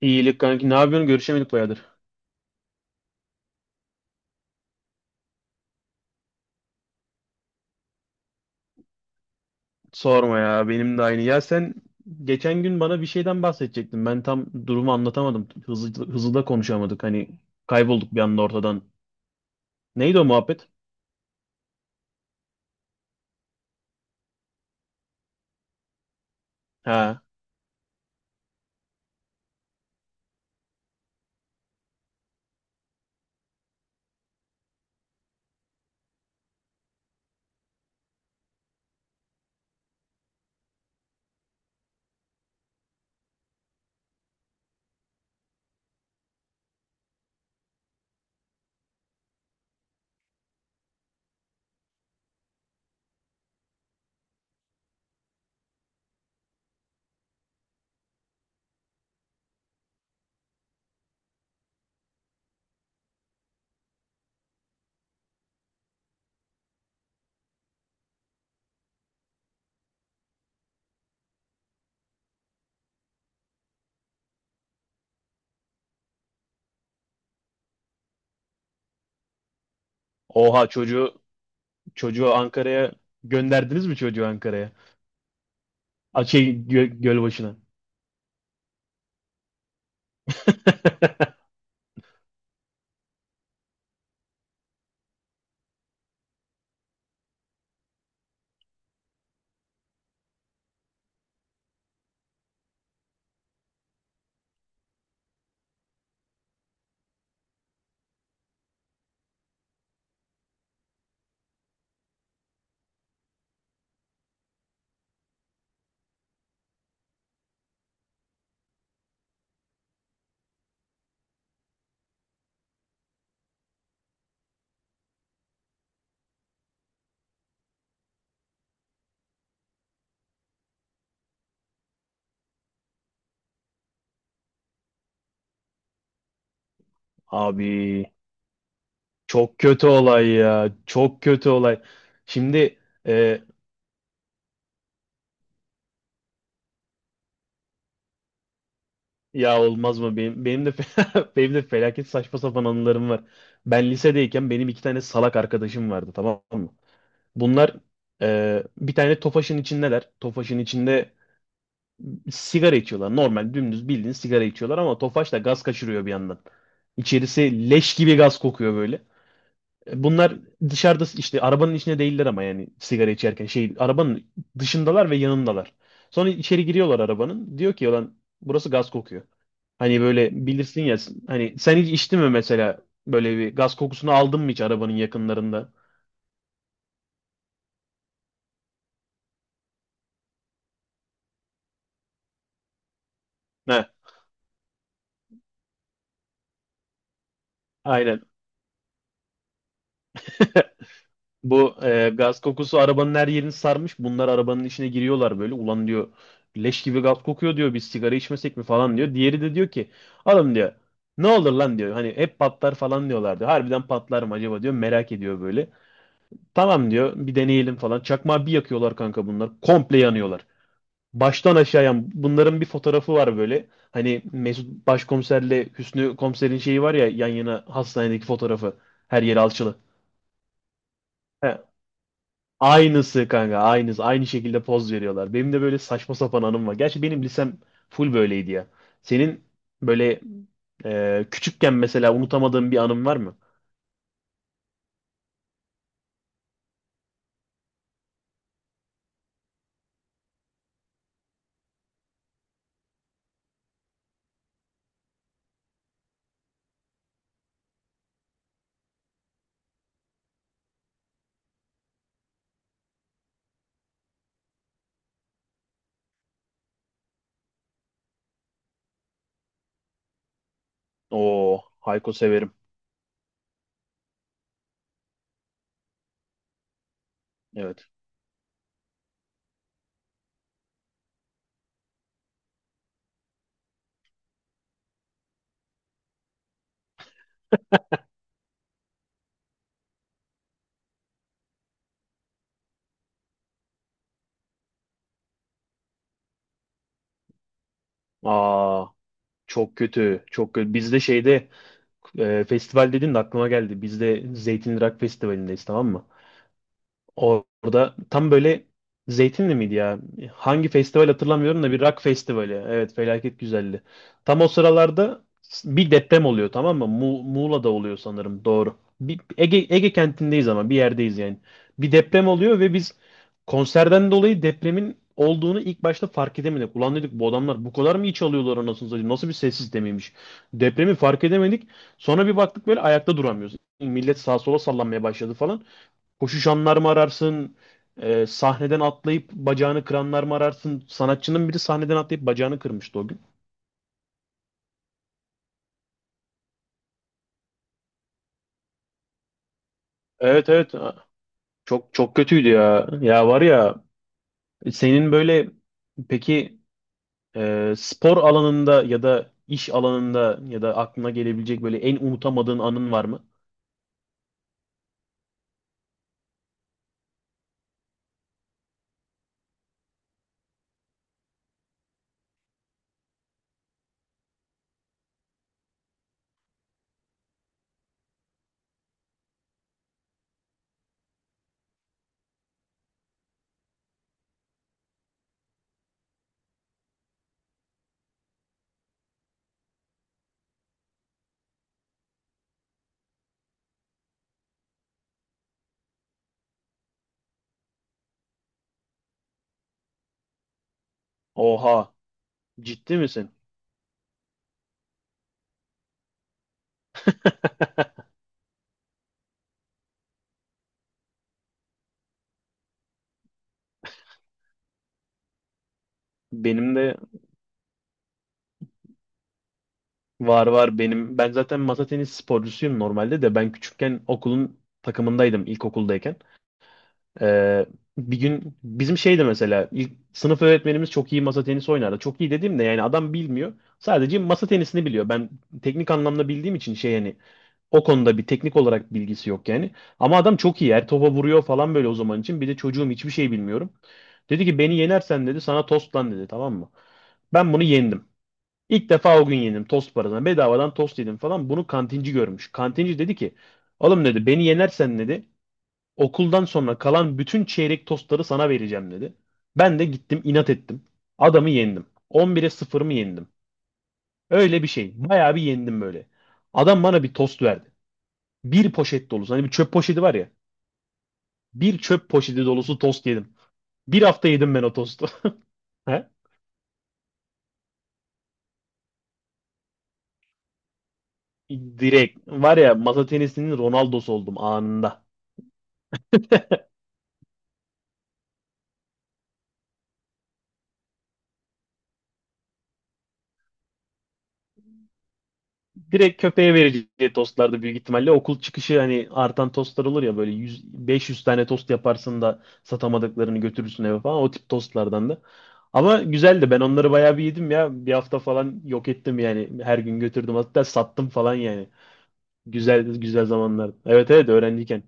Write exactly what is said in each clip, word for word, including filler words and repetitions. İyilik kanki. Ne yapıyorsun? Görüşemedik bayağıdır. Sorma ya. Benim de aynı. Ya sen geçen gün bana bir şeyden bahsedecektin. Ben tam durumu anlatamadım. Hızlı, hızlı da konuşamadık. Hani kaybolduk bir anda ortadan. Neydi o muhabbet? Ha. Oha çocuğu çocuğu Ankara'ya gönderdiniz mi çocuğu Ankara'ya? A, şey gö- Gölbaşı'na. Abi çok kötü olay ya. Çok kötü olay. Şimdi e, ya olmaz mı? Benim, benim de benim de felaket saçma sapan anılarım var. Ben lisedeyken benim iki tane salak arkadaşım vardı, tamam mı? Bunlar e, bir tane Tofaş'ın içindeler. Tofaş'ın içinde sigara içiyorlar. Normal dümdüz bildiğin sigara içiyorlar ama Tofaş da gaz kaçırıyor bir yandan. İçerisi leş gibi gaz kokuyor böyle. E, Bunlar dışarıda, işte arabanın içinde değiller ama yani sigara içerken şey arabanın dışındalar ve yanındalar. Sonra içeri giriyorlar arabanın. Diyor ki lan burası gaz kokuyor. Hani böyle bilirsin ya, hani sen hiç içtin mi mesela böyle bir gaz kokusunu aldın mı hiç arabanın yakınlarında? Heh, aynen. Bu e, gaz kokusu arabanın her yerini sarmış. Bunlar arabanın içine giriyorlar böyle. Ulan diyor leş gibi gaz kokuyor diyor. Biz sigara içmesek mi falan diyor. Diğeri de diyor ki adam diyor ne olur lan diyor. Hani hep patlar falan diyorlar diyor. Harbiden patlar mı acaba diyor. Merak ediyor böyle. Tamam diyor bir deneyelim falan. Çakmağı bir yakıyorlar kanka bunlar. Komple yanıyorlar, baştan aşağıya bunların bir fotoğrafı var böyle. Hani Mesut Başkomiserle Hüsnü Komiser'in şeyi var ya, yan yana hastanedeki fotoğrafı. Her yeri alçılı. He, aynısı kanka aynısı. Aynı şekilde poz veriyorlar. Benim de böyle saçma sapan anım var. Gerçi benim lisem full böyleydi ya. Senin böyle e, küçükken mesela unutamadığın bir anın var mı? Oo, Hayko severim. Evet. Aa, çok kötü, çok kötü. Bizde şeyde e, festival dedin de aklıma geldi. Bizde Zeytinli Rock Festivali'ndeyiz, tamam mı? Orada tam böyle Zeytinli miydi ya? Hangi festival hatırlamıyorum da bir rock festivali. Evet felaket güzeldi. Tam o sıralarda bir deprem oluyor, tamam mı? Mu Muğla'da oluyor sanırım, doğru. Bir, Ege, Ege kentindeyiz ama bir yerdeyiz yani. Bir deprem oluyor ve biz konserden dolayı depremin olduğunu ilk başta fark edemedik. Ulan dedik bu adamlar bu kadar mı iç alıyorlar anasını satayım? Nasıl bir sessiz demeymiş? Depremi fark edemedik. Sonra bir baktık böyle ayakta duramıyoruz. Millet sağa sola sallanmaya başladı falan. Koşu şanlar mı ararsın? Ee, sahneden atlayıp bacağını kıranlar mı ararsın? Sanatçının biri sahneden atlayıp bacağını kırmıştı o gün. Evet, evet. Çok çok kötüydü ya. Ya var ya, senin böyle peki e, spor alanında ya da iş alanında ya da aklına gelebilecek böyle en unutamadığın anın var mı? Oha, ciddi misin? Benim de var, var benim. Ben zaten masa tenisi sporcusuyum normalde de, ben küçükken okulun takımındaydım ilkokuldayken. Ee, bir gün bizim şeydi mesela, ilk sınıf öğretmenimiz çok iyi masa tenisi oynardı. Çok iyi dediğimde yani adam bilmiyor. Sadece masa tenisini biliyor. Ben teknik anlamda bildiğim için şey yani o konuda bir teknik olarak bilgisi yok yani. Ama adam çok iyi. Her topa vuruyor falan böyle o zaman için. Bir de çocuğum hiçbir şey bilmiyorum. Dedi ki beni yenersen dedi sana tost lan dedi, tamam mı? Ben bunu yendim. İlk defa o gün yendim tost parasına. Bedavadan tost yedim falan. Bunu kantinci görmüş. Kantinci dedi ki oğlum dedi beni yenersen dedi okuldan sonra kalan bütün çeyrek tostları sana vereceğim dedi. Ben de gittim inat ettim. Adamı yendim. on bire sıfır mı yendim? Öyle bir şey. Bayağı bir yendim böyle. Adam bana bir tost verdi. Bir poşet dolusu. Hani bir çöp poşeti var ya. Bir çöp poşeti dolusu tost yedim. Bir hafta yedim ben o tostu. He? Direkt. Var ya masa tenisinin Ronaldo'su oldum anında. Direkt köpeğe vereceği tostlardı büyük ihtimalle. Okul çıkışı hani artan tostlar olur ya böyle yüz, beş yüz tane tost yaparsın da satamadıklarını götürürsün eve falan. O tip tostlardan da. Ama güzeldi. Ben onları bayağı bir yedim ya. Bir hafta falan yok ettim yani. Her gün götürdüm. Hatta sattım falan yani. Güzeldi, güzel zamanlar. Evet evet öğrenciyken.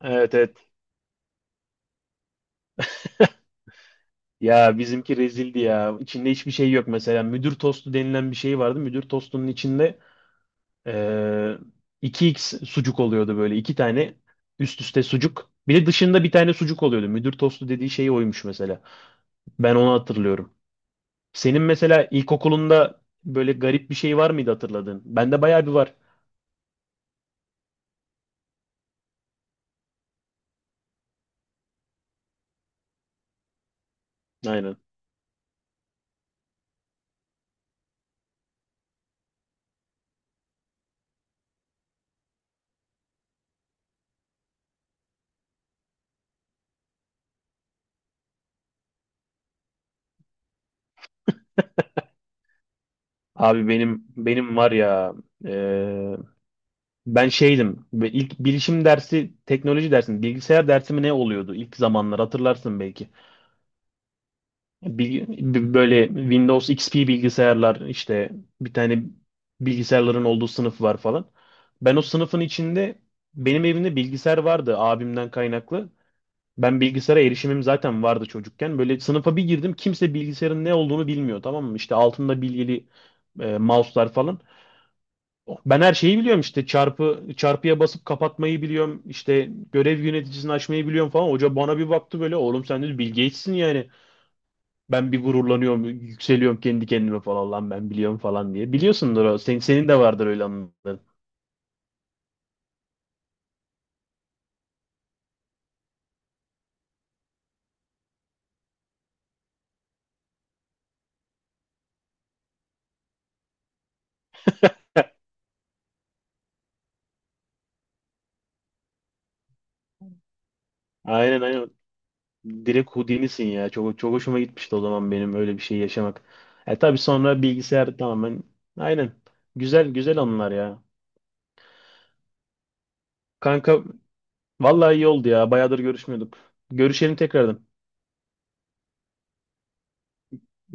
Evet, evet. Ya bizimki rezildi ya. İçinde hiçbir şey yok mesela. Müdür tostu denilen bir şey vardı. Müdür tostunun içinde Ee, iki çarpı sucuk oluyordu böyle. İki tane üst üste sucuk. Bir de dışında bir tane sucuk oluyordu. Müdür tostu dediği şey oymuş mesela. Ben onu hatırlıyorum. Senin mesela ilkokulunda böyle garip bir şey var mıydı hatırladığın? Bende bayağı bir var. Aynen. Abi benim benim var ya ee, ben şeydim ve ilk bilişim dersi teknoloji dersi bilgisayar dersi mi ne oluyordu ilk zamanlar, hatırlarsın belki. Bil- b- Böyle Windows X P bilgisayarlar işte, bir tane bilgisayarların olduğu sınıf var falan. Ben o sınıfın içinde, benim evimde bilgisayar vardı abimden kaynaklı. Ben bilgisayara erişimim zaten vardı çocukken. Böyle sınıfa bir girdim kimse bilgisayarın ne olduğunu bilmiyor, tamam mı? İşte altında bilgili e, mouse'lar falan. Ben her şeyi biliyorum, işte çarpı çarpıya basıp kapatmayı biliyorum. İşte görev yöneticisini açmayı biliyorum falan. Hoca bana bir baktı böyle, oğlum sen dedi Bill Gates'sin yani. Ben bir gururlanıyorum, yükseliyorum kendi kendime falan, lan ben biliyorum falan diye. Biliyorsundur o. Senin, senin de vardır öyle anların. Aynen, aynen. Direkt Houdini'sin ya. Çok, çok hoşuma gitmişti o zaman benim öyle bir şey yaşamak. E tabii sonra bilgisayar tamamen. Aynen. Güzel güzel anılar ya. Kanka vallahi iyi oldu ya. Bayağıdır görüşmüyorduk. Görüşelim tekrardan. Görüşürüz.